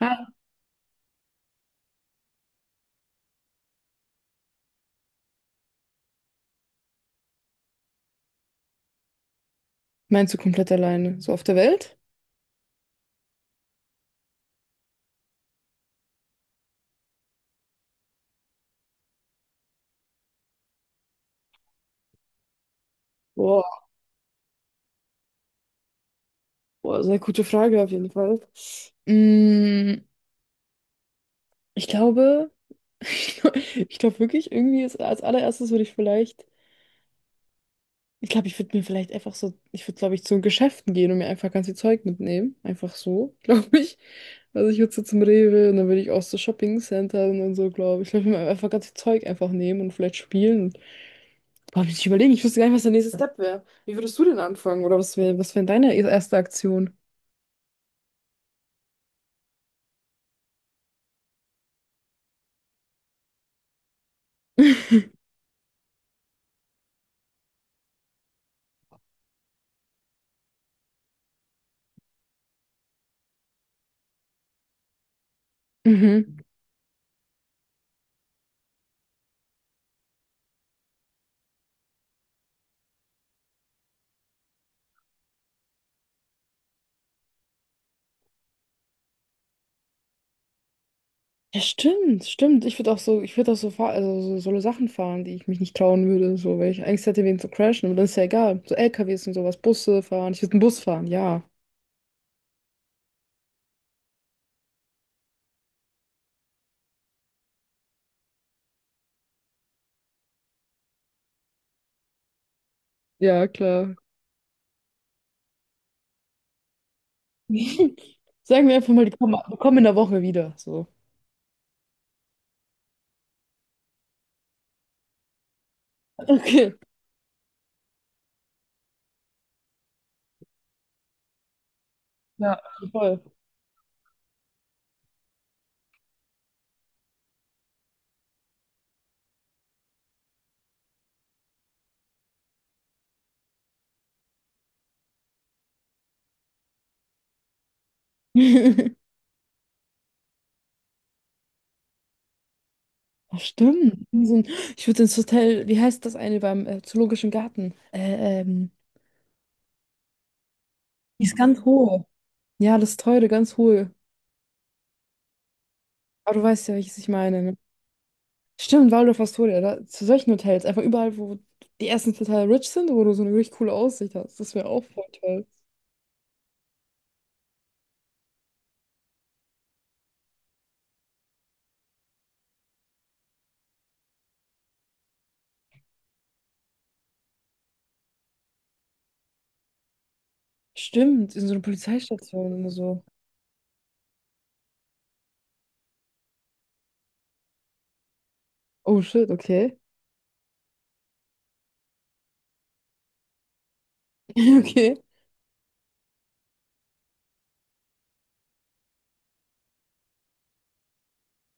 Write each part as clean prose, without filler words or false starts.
Ah. Meinst du komplett alleine? So auf der Welt? Boah, boah, sehr gute Frage auf jeden Fall. Mm, Ich glaube, ich glaube wirklich, irgendwie ist, als allererstes würde ich vielleicht, ich glaube, ich würde mir vielleicht einfach so, ich würde, glaube ich, zu Geschäften gehen und mir einfach ganz viel Zeug mitnehmen. Einfach so, glaube ich. Also ich würde so zum Rewe und dann würde ich auch so Shopping-Centern und so, glaube ich. Ich glaube, ich würde mir einfach ganz viel Zeug einfach nehmen und vielleicht spielen. Und, boah, muss ich überlegen, ich wüsste gar nicht, was der nächste Step wäre. Wie würdest du denn anfangen? Oder was wäre deine erste Aktion? Mhm. Ja, stimmt, stimmt. Ich würde auch so, ich würde auch so, fahr also so solo Sachen fahren, die ich mich nicht trauen würde, so, weil ich Angst hätte, wegen zu crashen. Aber das ist ja egal. So LKWs und sowas, Busse fahren. Ich würde einen Bus fahren, ja. Ja, klar. Sagen wir einfach mal, die kommen in der Woche wieder. So. Okay. Ja, voll. Ach, stimmt. Ich würde ins Hotel, wie heißt das eine beim Zoologischen Garten? Die ist ganz hohe. Ja, das teure, ganz hohe. Aber du weißt ja, welches ich meine, ne? Stimmt, Waldorf Astoria, da, zu solchen Hotels, einfach überall, wo die ersten total rich sind, wo du so eine richtig coole Aussicht hast. Das wäre auch voll toll. Stimmt, in so einer Polizeistation und so. Oh shit, okay. Okay.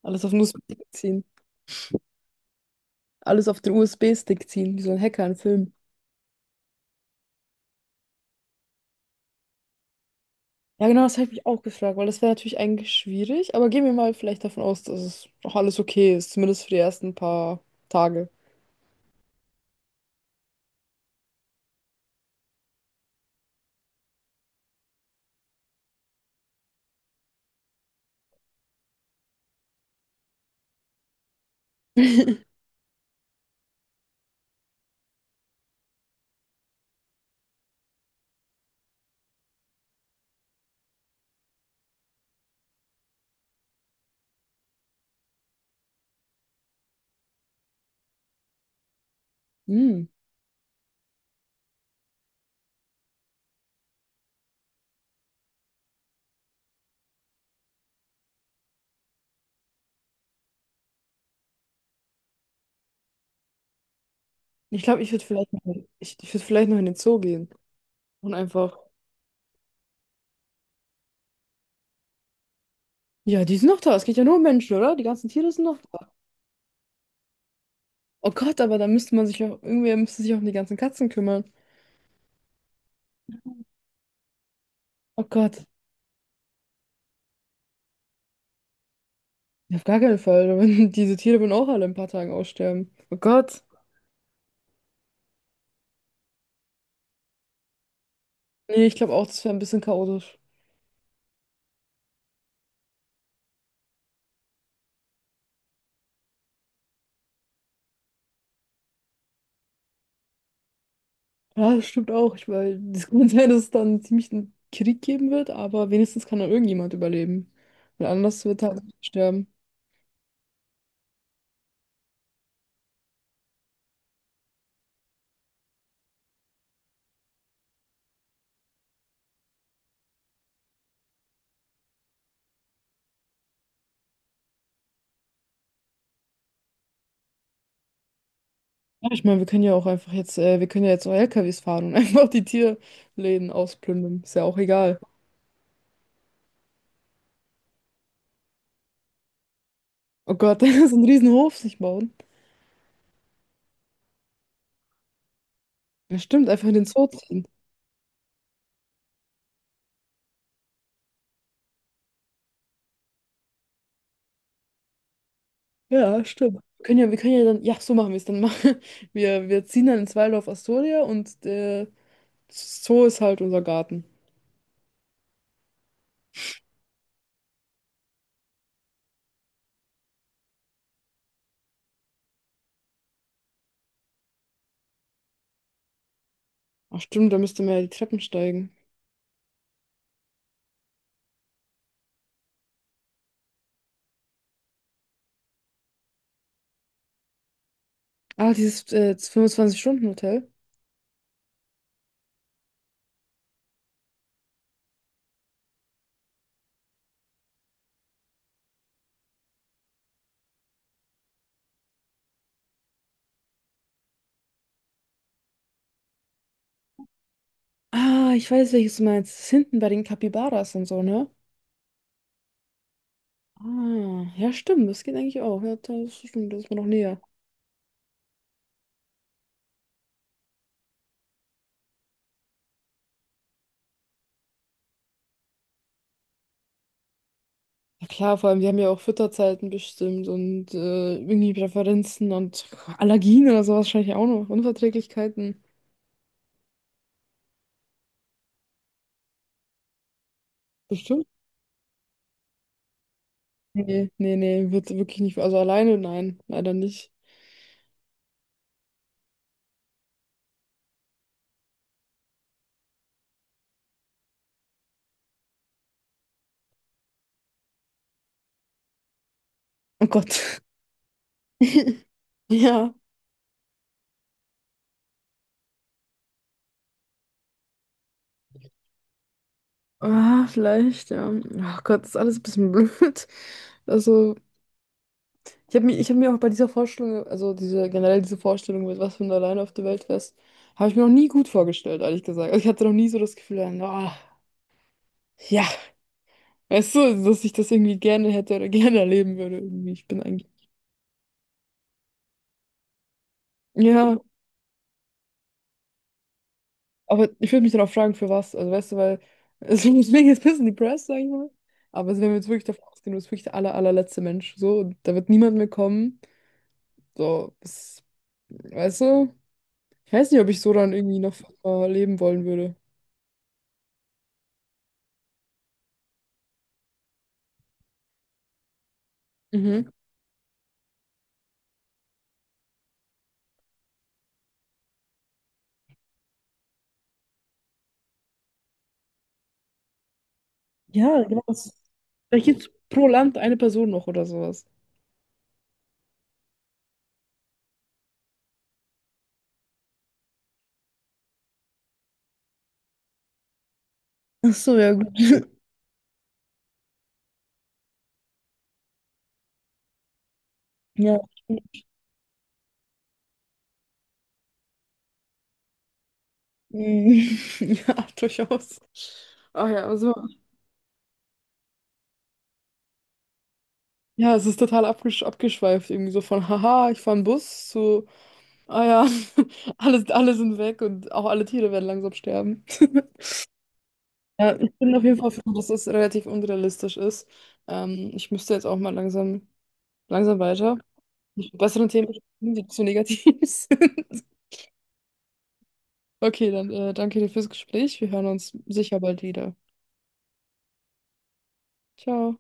Alles auf den USB-Stick ziehen. Alles auf den USB-Stick ziehen, wie so ein Hacker in Film. Ja, genau, das habe ich mich auch gefragt, weil das wäre natürlich eigentlich schwierig, aber gehen wir mal vielleicht davon aus, dass es auch alles okay ist, zumindest für die ersten paar Tage. Hm. Ich glaube, ich würde vielleicht noch, ich würd vielleicht noch in den Zoo gehen und einfach. Ja, die sind noch da. Es geht ja nur um Menschen, oder? Die ganzen Tiere sind noch da. Oh Gott, aber da müsste man sich auch, irgendwer müsste sich auch um die ganzen Katzen kümmern. Oh Gott. Ja, auf gar keinen Fall. Diese Tiere würden auch alle in ein paar Tagen aussterben. Oh Gott. Nee, ich glaube auch, das wäre ein bisschen chaotisch. Ja, das stimmt auch. Ich meine, es kann sein, dass es dann ziemlich einen Krieg geben wird, aber wenigstens kann dann irgendjemand überleben. Weil anders wird halt sterben. Ja, ich meine, wir können ja auch einfach jetzt, wir können ja jetzt auch LKWs fahren und einfach die Tierläden ausplündern. Ist ja auch egal. Oh Gott, da ist ein Riesenhof sich bauen. Ja, stimmt, einfach in den Zoo ziehen. Ja, stimmt. Wir können ja dann, ja, so machen wir es dann machen. Wir ziehen dann ins Waldorf Astoria und der Zoo ist halt unser Garten. Ach stimmt, da müsste man ja die Treppen steigen. Ah, dieses 25-Stunden-Hotel. Ah, ich weiß, welches du meinst. Das ist hinten bei den Capybaras und so, ne? Ah, ja, stimmt, das geht eigentlich auch. Ja, das stimmt, das ist mir noch näher. Ja klar, vor allem, wir haben ja auch Fütterzeiten bestimmt und irgendwie Präferenzen und Allergien oder so wahrscheinlich auch noch. Unverträglichkeiten. Bestimmt. Nee, nee, nee, wird wirklich nicht. Also alleine, nein, leider nicht. Oh Gott. Ja. Ah, vielleicht, ja. Ach Gott, ist alles ein bisschen blöd. Also, ich habe mir, ich hab mir auch bei dieser Vorstellung, also diese, generell diese Vorstellung mit, was wenn du alleine auf der Welt wärst, habe ich mir noch nie gut vorgestellt, ehrlich gesagt. Also ich hatte noch nie so das Gefühl, ah, ja, weißt du, dass ich das irgendwie gerne hätte oder gerne erleben würde. Irgendwie. Ich bin eigentlich. Ja. Aber ich würde mich dann auch fragen, für was. Also weißt du, weil es deswegen jetzt ein bisschen depressed, sag ich mal. Aber also, wenn wir jetzt wirklich davon ausgehen, du bist wirklich der aller, allerletzte Mensch, so, und da wird niemand mehr kommen. So, das, weißt du? Ich weiß nicht, ob ich so dann irgendwie noch leben wollen würde. Mhm. Ja, genau. Vielleicht gibt's pro Land eine Person noch oder sowas. Ach so, ja, gut. Ja. Mm, Ja, durchaus. Ach ja, also, ja, es ist total abgeschweift, irgendwie so von, haha, ich fahre einen Bus zu. Ah ja, alles, alle sind weg und auch alle Tiere werden langsam sterben. Ja, ich bin auf jeden Fall froh, dass das relativ unrealistisch ist. Ich müsste jetzt auch mal langsam, langsam weiter. Ich will besseren Themen besprechen, die zu negativ sind. Okay, dann danke dir fürs Gespräch. Wir hören uns sicher bald wieder. Ciao.